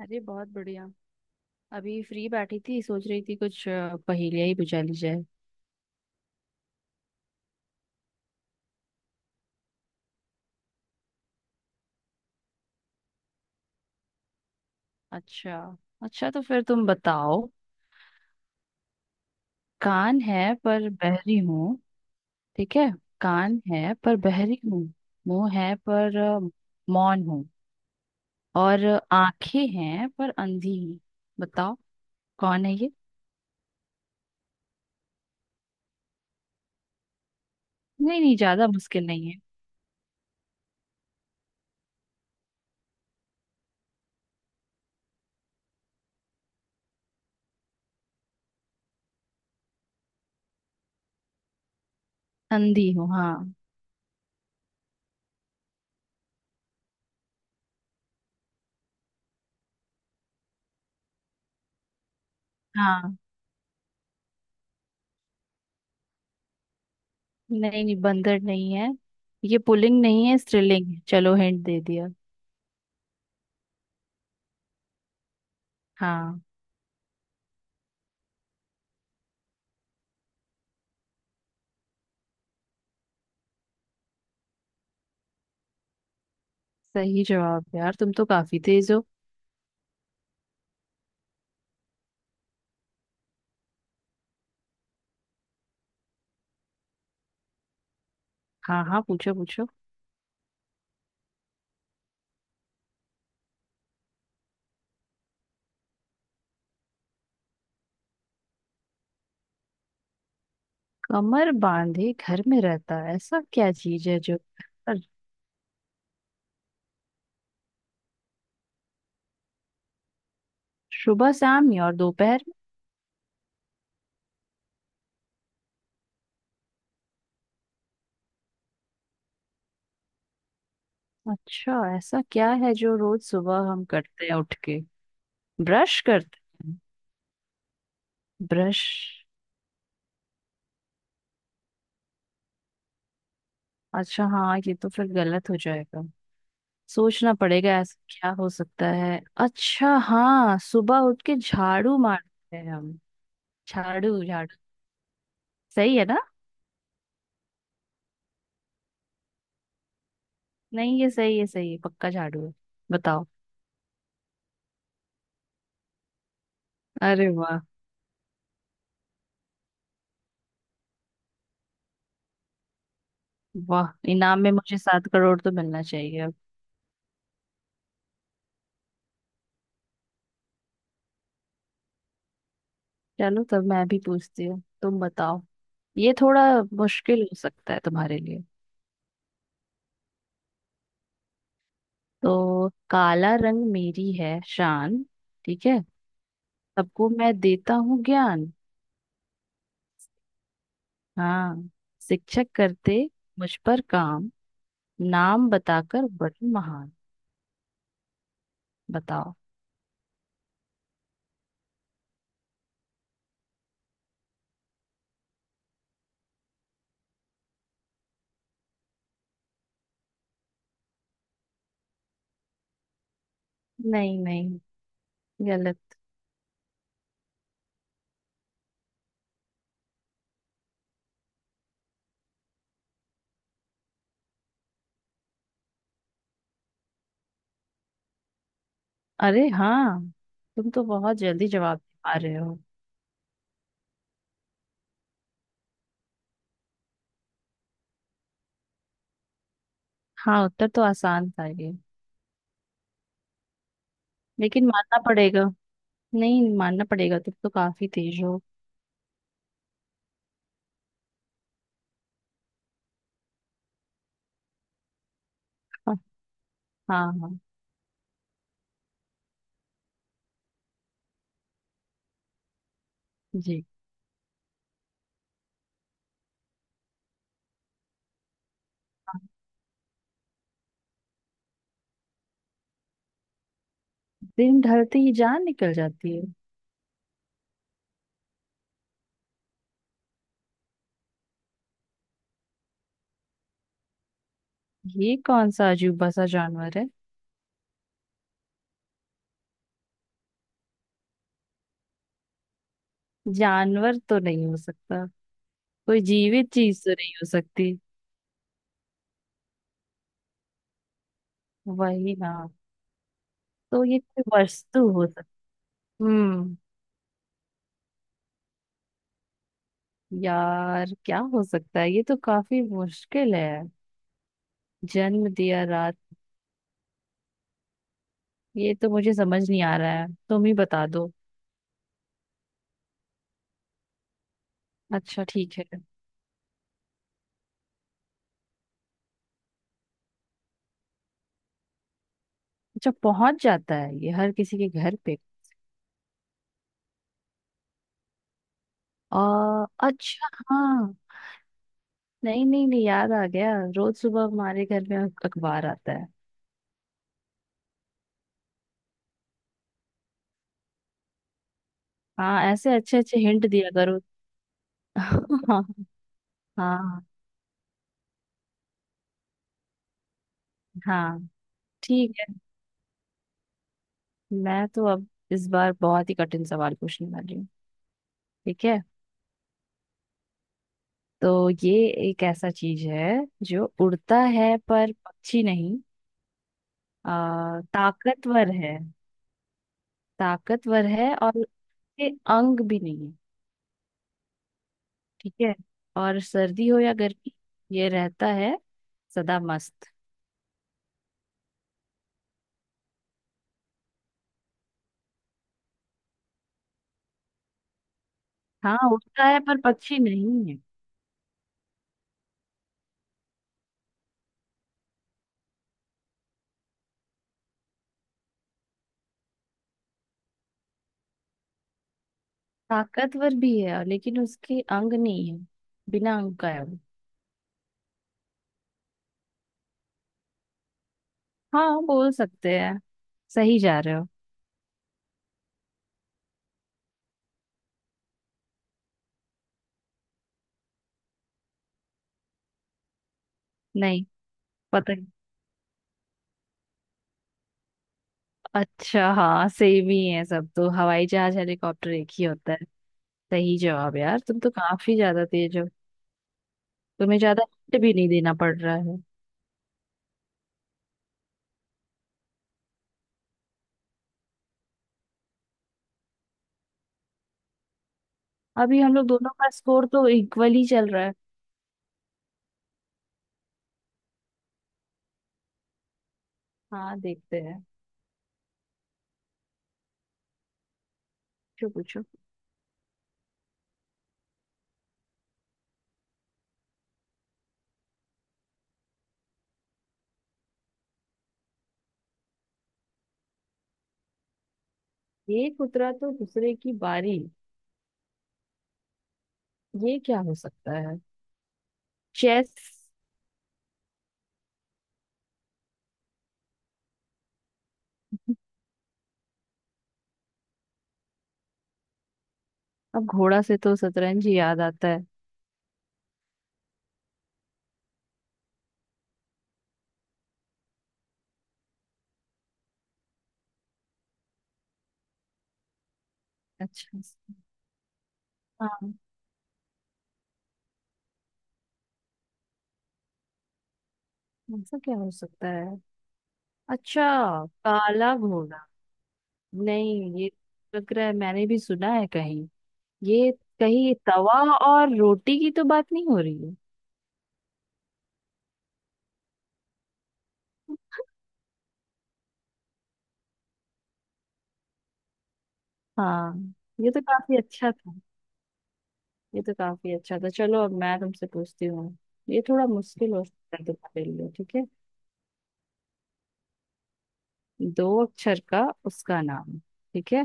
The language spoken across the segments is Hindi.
अरे बहुत बढ़िया। अभी फ्री बैठी थी, सोच रही थी कुछ पहेलियाँ ही बुझा ली जाए। अच्छा, अच्छा तो फिर तुम बताओ। कान है पर बहरी हूँ। ठीक है, कान है पर बहरी हूँ, मुंह है पर मौन हूँ, और आंखें हैं पर अंधी हूँ। बताओ कौन है ये। नहीं नहीं, ज्यादा मुश्किल नहीं है। अंधी हूँ, हाँ। हाँ, नहीं नहीं, बंदर नहीं है। ये पुल्लिंग नहीं है, स्त्रीलिंग है। चलो हिंट दे दिया। हाँ, सही जवाब। यार तुम तो काफी तेज हो। हाँ हाँ, पूछो पूछो। कमर बांधे घर में रहता है, ऐसा क्या चीज है जो। और सुबह शाम में और दोपहर में? अच्छा, ऐसा क्या है जो रोज सुबह हम करते हैं उठ के। ब्रश करते हैं, ब्रश। अच्छा हाँ, ये तो फिर गलत हो जाएगा। सोचना पड़ेगा ऐसा क्या हो सकता है। अच्छा हाँ, सुबह उठ के झाड़ू मारते हैं हम। झाड़ू झाड़ू। सही है ना? नहीं, ये सही है, सही है, पक्का झाड़ू है। बताओ। अरे वाह! वाह, इनाम में मुझे 7 करोड़ तो मिलना चाहिए अब। चलो, तब मैं भी पूछती हूँ, तुम बताओ। ये थोड़ा मुश्किल हो सकता है तुम्हारे लिए। तो काला रंग मेरी है शान। ठीक है। सबको मैं देता हूँ ज्ञान। हाँ, शिक्षक करते मुझ पर काम, नाम बताकर बड़ी महान। बताओ। नहीं नहीं, गलत। अरे हाँ, तुम तो बहुत जल्दी जवाब दे पा रहे हो। हाँ, उत्तर तो आसान था ये। लेकिन मानना पड़ेगा, नहीं मानना पड़ेगा, तुम तो काफी तेज हो। हाँ। हाँ हाँ, जी। दिन ढलते ही जान निकल जाती है? ये कौन सा अजूबा सा जानवर है? जानवर तो नहीं हो सकता, कोई जीवित चीज तो नहीं हो सकती। वही ना। तो ये कोई वस्तु हो सकती। हम्म यार, क्या हो सकता है, ये तो काफी मुश्किल है। जन्म दिया रात। ये तो मुझे समझ नहीं आ रहा है, तुम ही बता दो। अच्छा ठीक है। अच्छा पहुंच जाता है ये हर किसी के घर पे? अच्छा हाँ। नहीं नहीं नहीं, याद आ गया। रोज सुबह हमारे घर में अखबार आता है। हाँ, ऐसे अच्छे अच्छे हिंट दिया करो। हाँ। हाँ। हाँ ठीक है, मैं तो अब इस बार बहुत ही कठिन सवाल पूछने वाली हूँ। ठीक है, तो ये एक ऐसा चीज है जो उड़ता है पर पक्षी नहीं। ताकतवर है, ताकतवर है और उसके अंग भी नहीं है। ठीक है, और सर्दी हो या गर्मी ये रहता है सदा मस्त। हाँ, उड़ता है पर पक्षी नहीं है। ताकतवर भी है, लेकिन उसके अंग नहीं है, बिना अंग का है वो। हाँ, बोल सकते हैं। सही जा रहे हो। नहीं, पता। अच्छा हाँ, सेम ही है सब तो, हवाई जहाज हेलीकॉप्टर एक ही होता है। सही जवाब। यार तुम तो काफी ज्यादा तेज हो। तुम्हें ज्यादा हिंट भी नहीं देना पड़ रहा है। अभी हम लोग दोनों का स्कोर तो इक्वल ही चल रहा है। हाँ देखते हैं। पूछो पूछो। एक उतरा तो दूसरे की बारी, ये क्या हो सकता है? चेस। अब घोड़ा से तो शतरंज ही याद आता है। अच्छा हाँ, ऐसा क्या हो सकता है। अच्छा। काला घोड़ा। नहीं ये, लग रहा है मैंने भी सुना है कहीं ये। कहीं तवा और रोटी की तो बात नहीं हो रही है? हाँ, ये तो काफी अच्छा था, ये तो काफी अच्छा था। चलो अब मैं तुमसे पूछती हूँ, ये थोड़ा मुश्किल हो सकता है तुम्हारे लिए, ठीक है। 2 अक्षर का उसका नाम, ठीक है,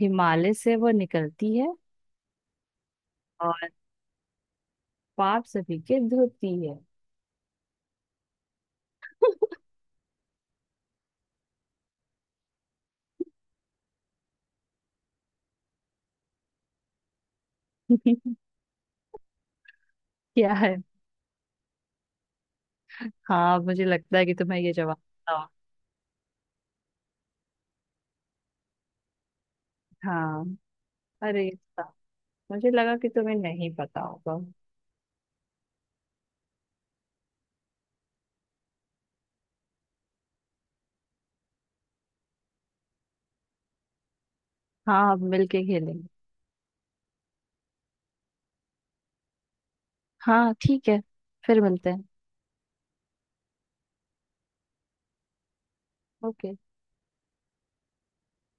हिमालय से वो निकलती है और पाप सभी के धोती है। क्या है? हाँ, मुझे लगता है कि तुम्हें ये जवाब पता हो। हाँ। अरे, सा- मुझे लगा कि तुम्हें नहीं पता होगा। हाँ अब मिलके खेलेंगे। हाँ ठीक है, फिर मिलते हैं। ओके।